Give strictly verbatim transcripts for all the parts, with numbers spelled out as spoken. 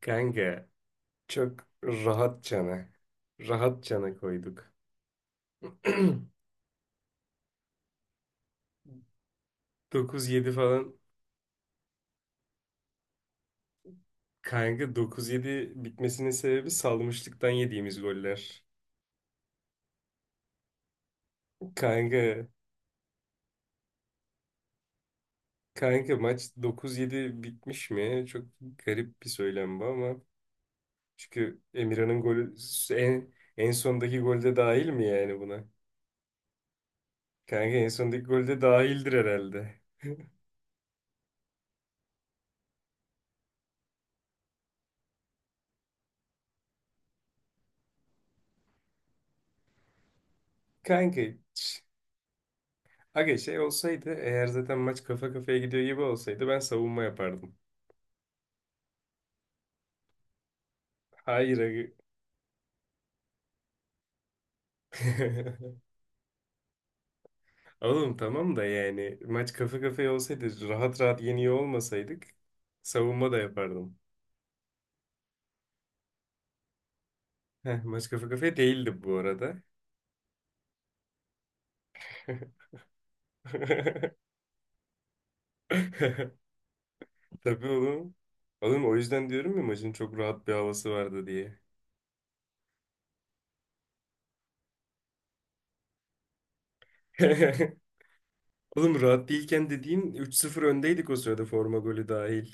Kanka çok rahat cana. Rahat cana koyduk. dokuz yedi falan. Kanka dokuz yedi bitmesinin sebebi salmışlıktan yediğimiz goller. Kanka, kanka maç dokuz yedi bitmiş mi? Çok garip bir söylem bu ama. Çünkü Emirhan'ın golü en, en sondaki golde dahil mi yani buna? Kanka en sondaki golde dahildir herhalde. Kanka aga şey olsaydı eğer zaten maç kafa kafaya gidiyor gibi olsaydı ben savunma yapardım. Hayır aga. Oğlum tamam da yani maç kafa kafaya olsaydı rahat rahat yeniyor olmasaydık savunma da yapardım. Heh, maç kafa kafaya değildi bu arada. Tabii oğlum. Oğlum o yüzden diyorum ya maçın çok rahat bir havası vardı diye. Oğlum rahat değilken dediğin üç sıfır öndeydik o sırada forma golü dahil.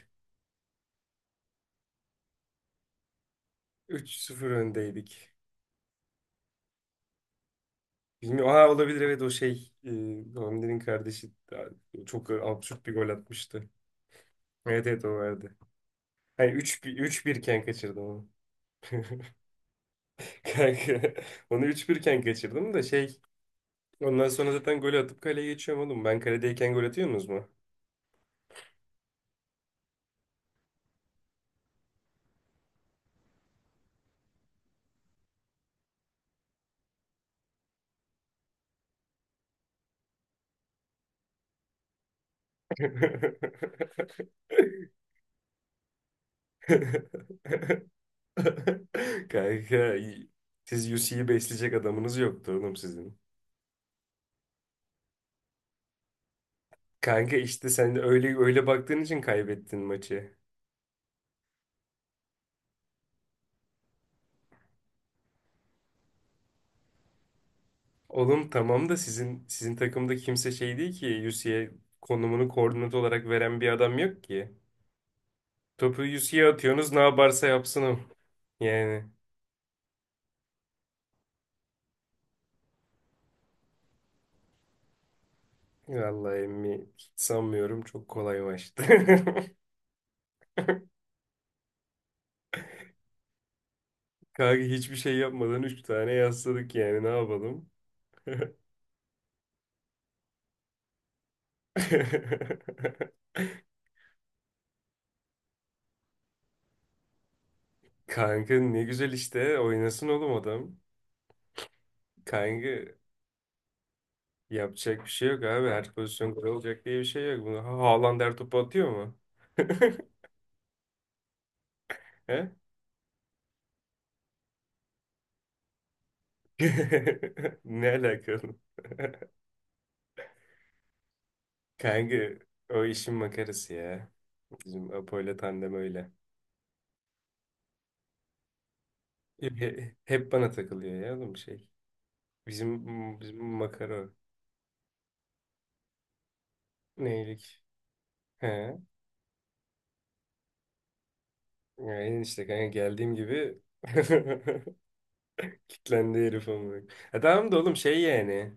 üç sıfır öndeydik. Bilmiyorum. Aa, olabilir evet o şey. E, Hamdi'nin kardeşi da- çok absürt bir gol atmıştı. Evet evet o vardı. Hani üç bir üç bir iken kaçırdım onu. Kanka onu üç bir iken kaçırdım da şey ondan sonra zaten golü atıp kaleye geçiyorum oğlum. Ben kaledeyken gol atıyor musunuz mu? Kanka siz U C'yi besleyecek adamınız yoktu oğlum sizin. Kanka işte sen öyle öyle baktığın için kaybettin maçı. Oğlum tamam da sizin sizin takımda kimse şey değil ki Yusi'ye konumunu koordinat olarak veren bir adam yok ki. Topu Yusi'ye atıyorsunuz ne yaparsa yapsın o. Yani vallahi emmi hiç sanmıyorum, çok kolay maçtı. Kanka hiçbir şey yapmadan üç tane yasladık, yani ne yapalım? Kanka ne güzel, işte oynasın oğlum adam. Kanka yapacak bir şey yok abi, her pozisyon gol olacak diye bir şey yok. Bunu Ha- Haaland her topu atıyor mu? He? Ne alakalı? Kanka o işin makarası ya. Bizim Apo ile tandem öyle. He- Hep bana takılıyor ya oğlum şey. Bizim bizim makara o. Neylik? He. Yani işte kanka geldiğim gibi kitlendi herif ama. E tamam da oğlum şey yani.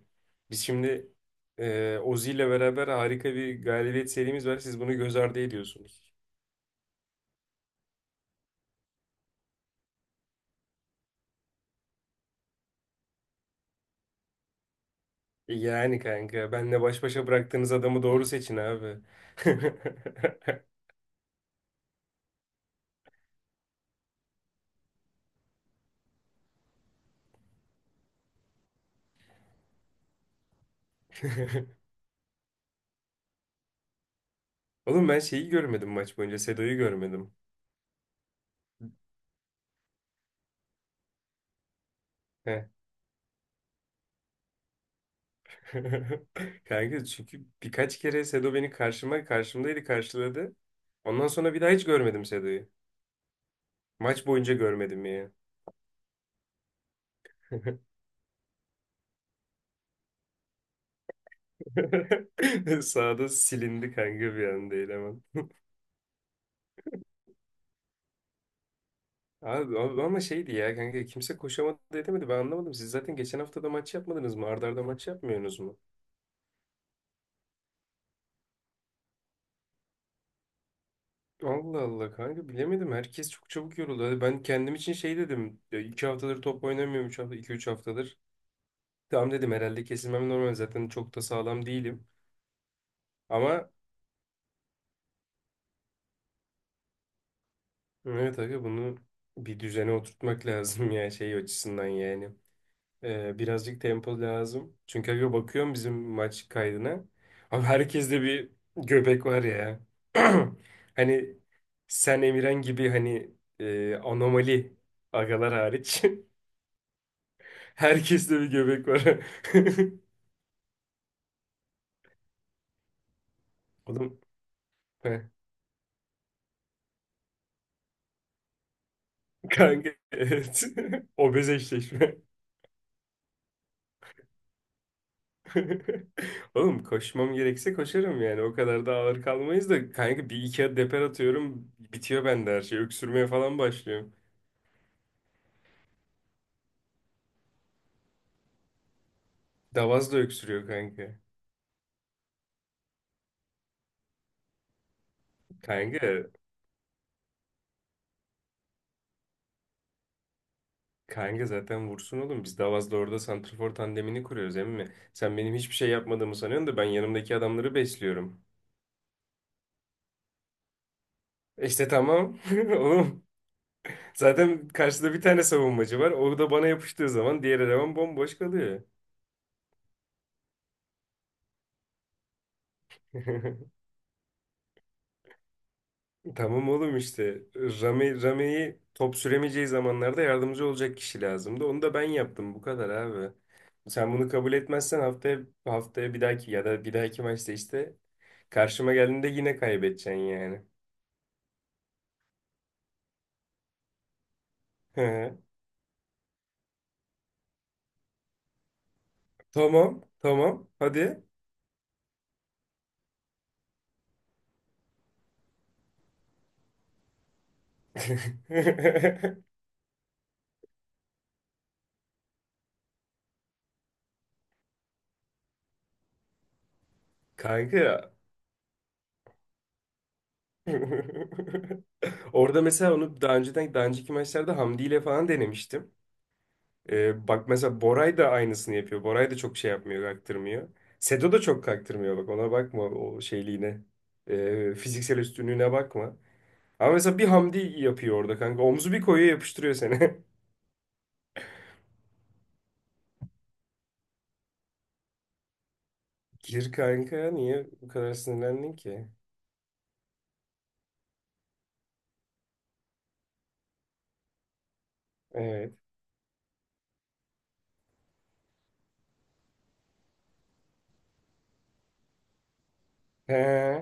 Biz şimdi e, Ozi ile beraber harika bir galibiyet serimiz var. Siz bunu göz ardı ediyorsunuz. Yani kanka benle baş başa bıraktığınız adamı doğru seçin abi. Oğlum ben şeyi görmedim maç boyunca. Sedo'yu görmedim. Heh. Kanka çünkü birkaç kere Sedo beni karşıma karşımdaydı karşıladı. Ondan sonra bir daha hiç görmedim Sedo'yu. Maç boyunca görmedim ya. Sağda silindi kanka bir anda eleman. Abi o- ama şeydi ya kanka, kimse koşamadı edemedi, ben anlamadım. Siz zaten geçen hafta da maç yapmadınız mı? Arda arda maç yapmıyorsunuz mu? Allah Allah kanka, bilemedim. Herkes çok çabuk yoruldu. Hadi ben kendim için şey dedim. Ya iki haftadır top oynamıyorum. Üç hafta, iki üç haftadır. Tamam dedim, herhalde kesilmem normal. Zaten çok da sağlam değilim. Ama evet aga, bunu bir düzene oturtmak lazım ya şey açısından yani. Ee, birazcık tempo lazım. Çünkü aga bakıyorum bizim maç kaydına. Abi herkeste bir göbek var ya. Hani sen Emirhan gibi hani e, anomali agalar hariç. Herkeste bir göbek var. Oğlum he, kanka evet. Obez eşleşme. Oğlum koşmam gerekse koşarım yani. O kadar da ağır kalmayız da kanka, bir iki adet deper atıyorum, bitiyor bende her şey. Öksürmeye falan başlıyorum. Davaz da öksürüyor kanka. Kanka Kanka zaten vursun oğlum. Biz Davaz'da orada santrafor tandemini kuruyoruz emmi. Sen benim hiçbir şey yapmadığımı sanıyorsun da ben yanımdaki adamları besliyorum. İşte tamam. Oğlum. Zaten karşıda bir tane savunmacı var. O da bana yapıştığı zaman diğer eleman bomboş kalıyor. Tamam oğlum işte. Rame, Rame'yi top süremeyeceği zamanlarda yardımcı olacak kişi lazımdı. Onu da ben yaptım. Bu kadar abi. Sen bunu kabul etmezsen haftaya haftaya bir dahaki ya da bir dahaki maçta işte karşıma geldiğinde yine kaybedeceksin yani. Tamam, tamam. Hadi. Kanka. Orada mesela onu daha önceden daha önceki maçlarda Hamdi ile falan denemiştim. Ee, bak mesela Boray da aynısını yapıyor. Boray da çok şey yapmıyor, kaktırmıyor. Sedo da çok kaktırmıyor, bak ona bakma o şeyliğine. Ee, fiziksel üstünlüğüne bakma. Ama mesela bir Hamdi yapıyor orada kanka. Omzu bir koyuyor, yapıştırıyor seni. Gir kanka, niye bu kadar sinirlendin ki? Evet. He.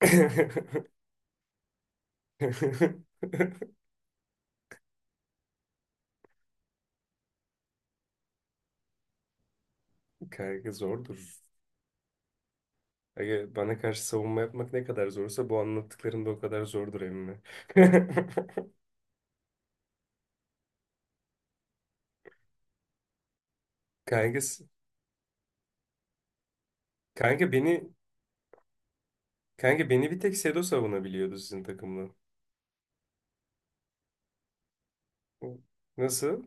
Kanka zordur. Aga, bana karşı savunma yapmak ne kadar zorsa bu anlattıkların da o kadar zordur emmi. Kanka, s- kanka beni kanka beni bir tek Sedo savunabiliyordu sizin takımla. Nasıl?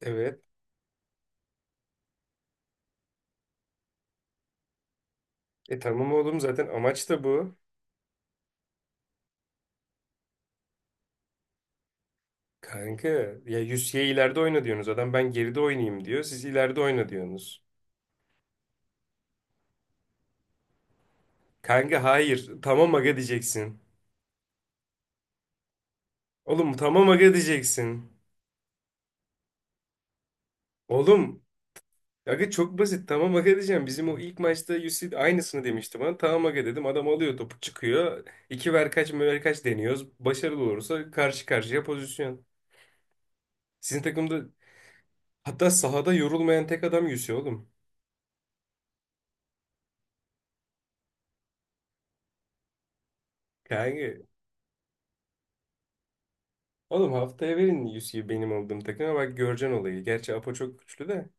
Evet. E tamam oğlum, zaten amaç da bu. Kanka ya Yusye ileride oyna diyorsunuz. Adam ben geride oynayayım diyor. Siz ileride oyna diyorsunuz. Kanka hayır. Tamam aga diyeceksin. Oğlum tamam aga diyeceksin. Oğlum aga çok basit, tamam aga diyeceğim. Bizim o ilk maçta U C aynısını demişti bana. Tamam aga dedim. Adam alıyor topu çıkıyor. İki ver kaç möver kaç deniyoruz. Başarılı olursa karşı karşıya pozisyon. Sizin takımda hatta sahada yorulmayan tek adam U C oğlum. Yani oğlum haftaya verin U C'yi benim olduğum takıma, bak göreceksin olayı. Gerçi Apo çok güçlü de.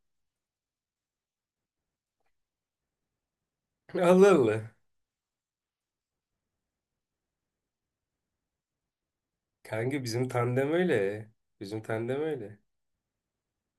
Allah Allah. Kanka bizim tandem öyle. Bizim tandem öyle.